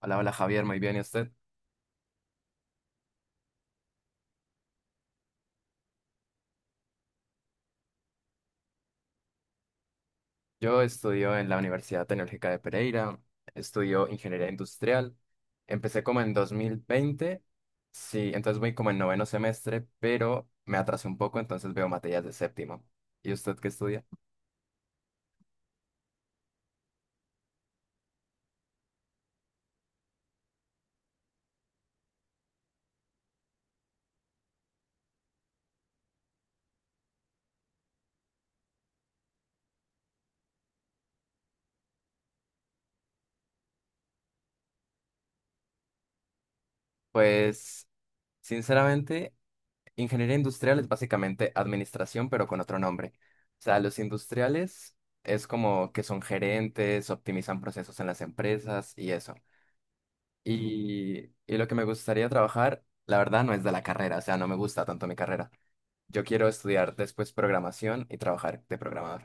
Hola, hola Javier, muy bien, ¿y usted? Yo estudio en la Universidad Tecnológica de Pereira, estudio ingeniería industrial, empecé como en 2020, sí, entonces voy como en noveno semestre, pero me atrasé un poco, entonces veo materias de séptimo. ¿Y usted qué estudia? Pues, sinceramente, ingeniería industrial es básicamente administración, pero con otro nombre. O sea, los industriales es como que son gerentes, optimizan procesos en las empresas y eso. Y lo que me gustaría trabajar, la verdad, no es de la carrera, o sea, no me gusta tanto mi carrera. Yo quiero estudiar después programación y trabajar de programador.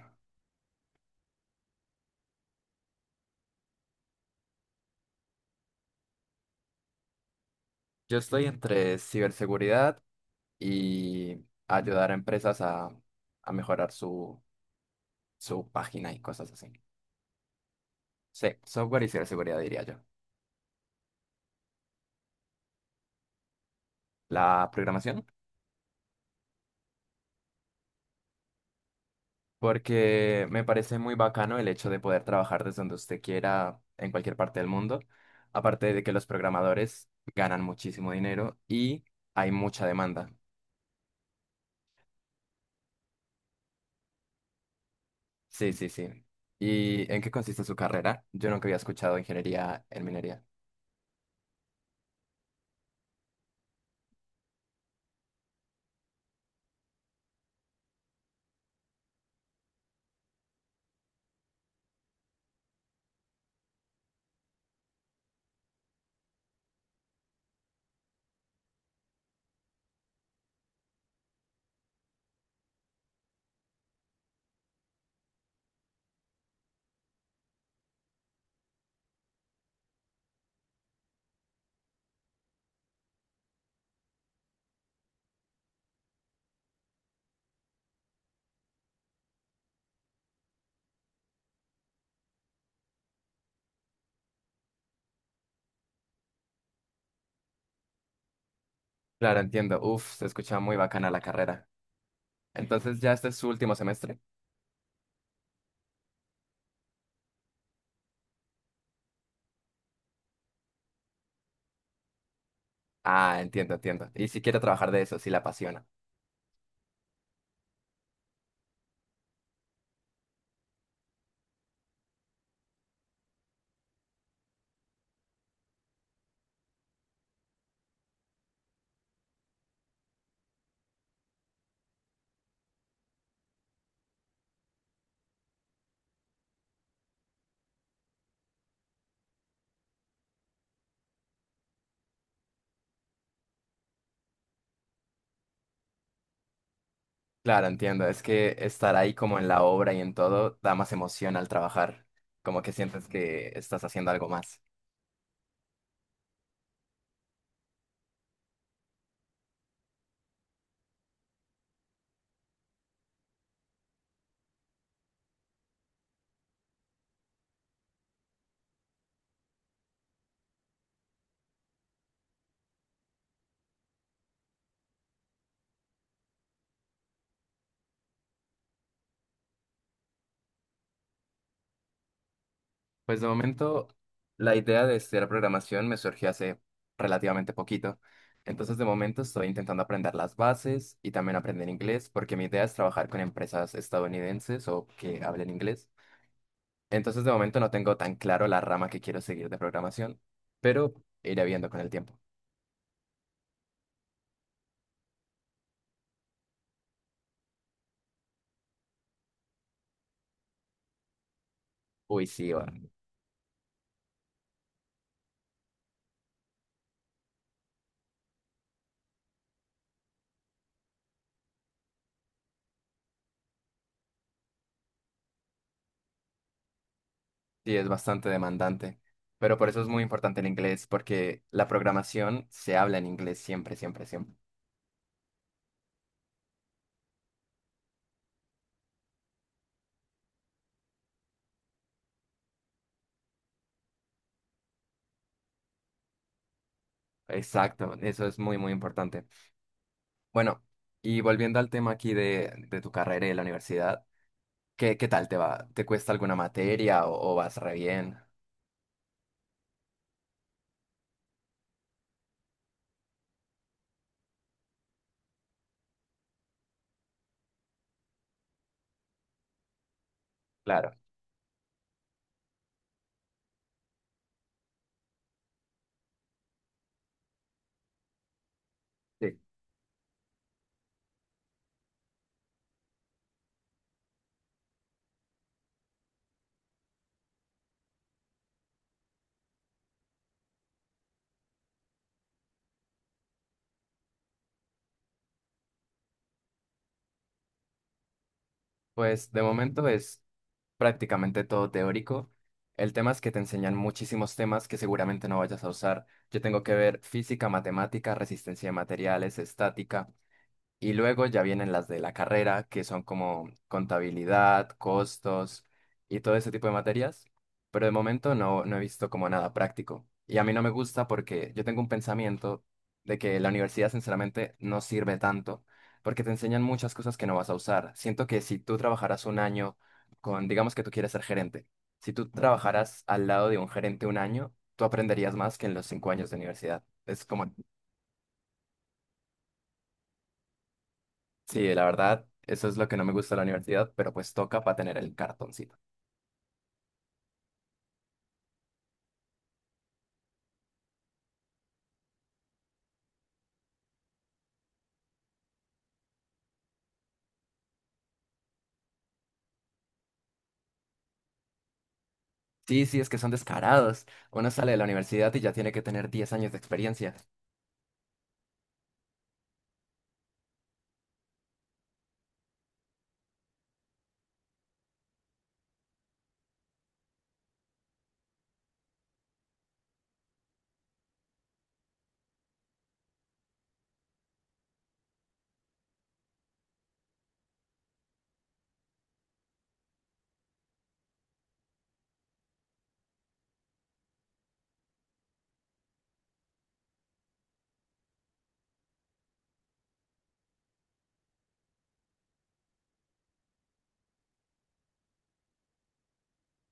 Yo estoy entre ciberseguridad y ayudar a empresas a mejorar su página y cosas así. Sí, software y ciberseguridad diría yo. ¿La programación? Porque me parece muy bacano el hecho de poder trabajar desde donde usted quiera en cualquier parte del mundo, aparte de que los programadores ganan muchísimo dinero y hay mucha demanda. Sí, sí, sí. ¿Y en qué consiste su carrera? Yo nunca había escuchado ingeniería en minería. Claro, entiendo. Uf, se escucha muy bacana la carrera. Entonces, ¿ya este es su último semestre? Ah, entiendo, entiendo. Y si quiere trabajar de eso, si la apasiona. Claro, entiendo. Es que estar ahí como en la obra y en todo da más emoción al trabajar, como que sientes que estás haciendo algo más. Pues de momento, la idea de estudiar programación me surgió hace relativamente poquito. Entonces, de momento estoy intentando aprender las bases y también aprender inglés, porque mi idea es trabajar con empresas estadounidenses o que hablen inglés. Entonces, de momento no tengo tan claro la rama que quiero seguir de programación, pero iré viendo con el tiempo. Uy, sí, va. Sí, es bastante demandante, pero por eso es muy importante el inglés, porque la programación se habla en inglés siempre, siempre, siempre. Exacto, eso es muy, muy importante. Bueno, y volviendo al tema aquí de tu carrera y de la universidad, ¿qué tal te va? ¿Te cuesta alguna materia o vas re bien? Claro, sí. Pues de momento es prácticamente todo teórico. El tema es que te enseñan muchísimos temas que seguramente no vayas a usar. Yo tengo que ver física, matemática, resistencia de materiales, estática. Y luego ya vienen las de la carrera, que son como contabilidad, costos y todo ese tipo de materias. Pero de momento no, no he visto como nada práctico. Y a mí no me gusta porque yo tengo un pensamiento de que la universidad sinceramente no sirve tanto porque te enseñan muchas cosas que no vas a usar. Siento que si tú trabajaras un año con, digamos que tú quieres ser gerente, si tú trabajaras al lado de un gerente un año, tú aprenderías más que en los 5 años de universidad. Es como, sí, la verdad, eso es lo que no me gusta de la universidad, pero pues toca para tener el cartoncito. Sí, sí, es que son descarados. Uno sale de la universidad y ya tiene que tener 10 años de experiencia.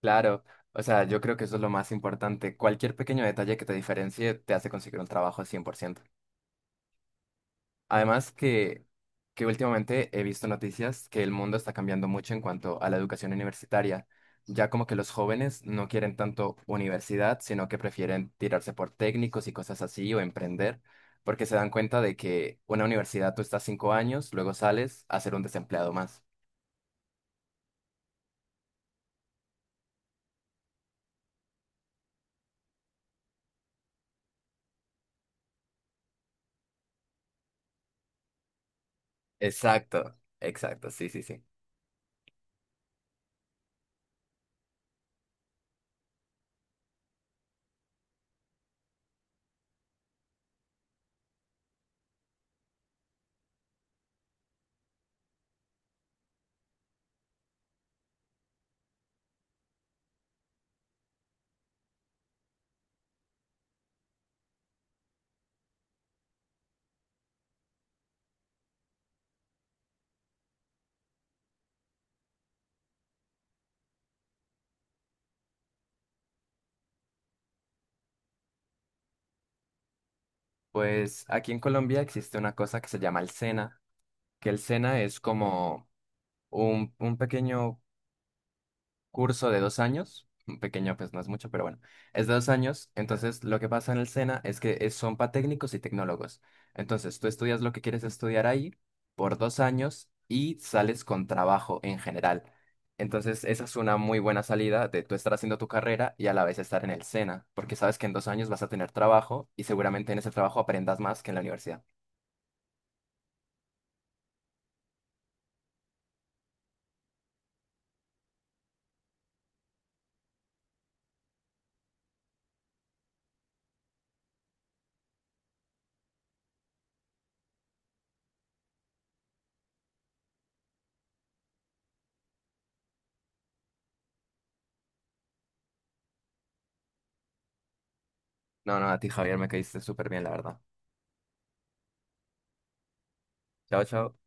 Claro, o sea, yo creo que eso es lo más importante. Cualquier pequeño detalle que te diferencie te hace conseguir un trabajo 100%. Además que últimamente he visto noticias que el mundo está cambiando mucho en cuanto a la educación universitaria. Ya como que los jóvenes no quieren tanto universidad, sino que prefieren tirarse por técnicos y cosas así o emprender, porque se dan cuenta de que una universidad tú estás 5 años, luego sales a ser un desempleado más. Exacto, exacto, sí, sí, sí. Pues aquí en Colombia existe una cosa que se llama el SENA, que el SENA es como un pequeño curso de 2 años, pequeño pues no es mucho, pero bueno, es de 2 años, entonces lo que pasa en el SENA es que son para técnicos y tecnólogos. Entonces tú estudias lo que quieres estudiar ahí por 2 años y sales con trabajo en general. Entonces esa es una muy buena salida de tú estar haciendo tu carrera y a la vez estar en el SENA, porque sabes que en 2 años vas a tener trabajo y seguramente en ese trabajo aprendas más que en la universidad. No, no, a ti Javier me caíste súper bien, la verdad. Chao, chao.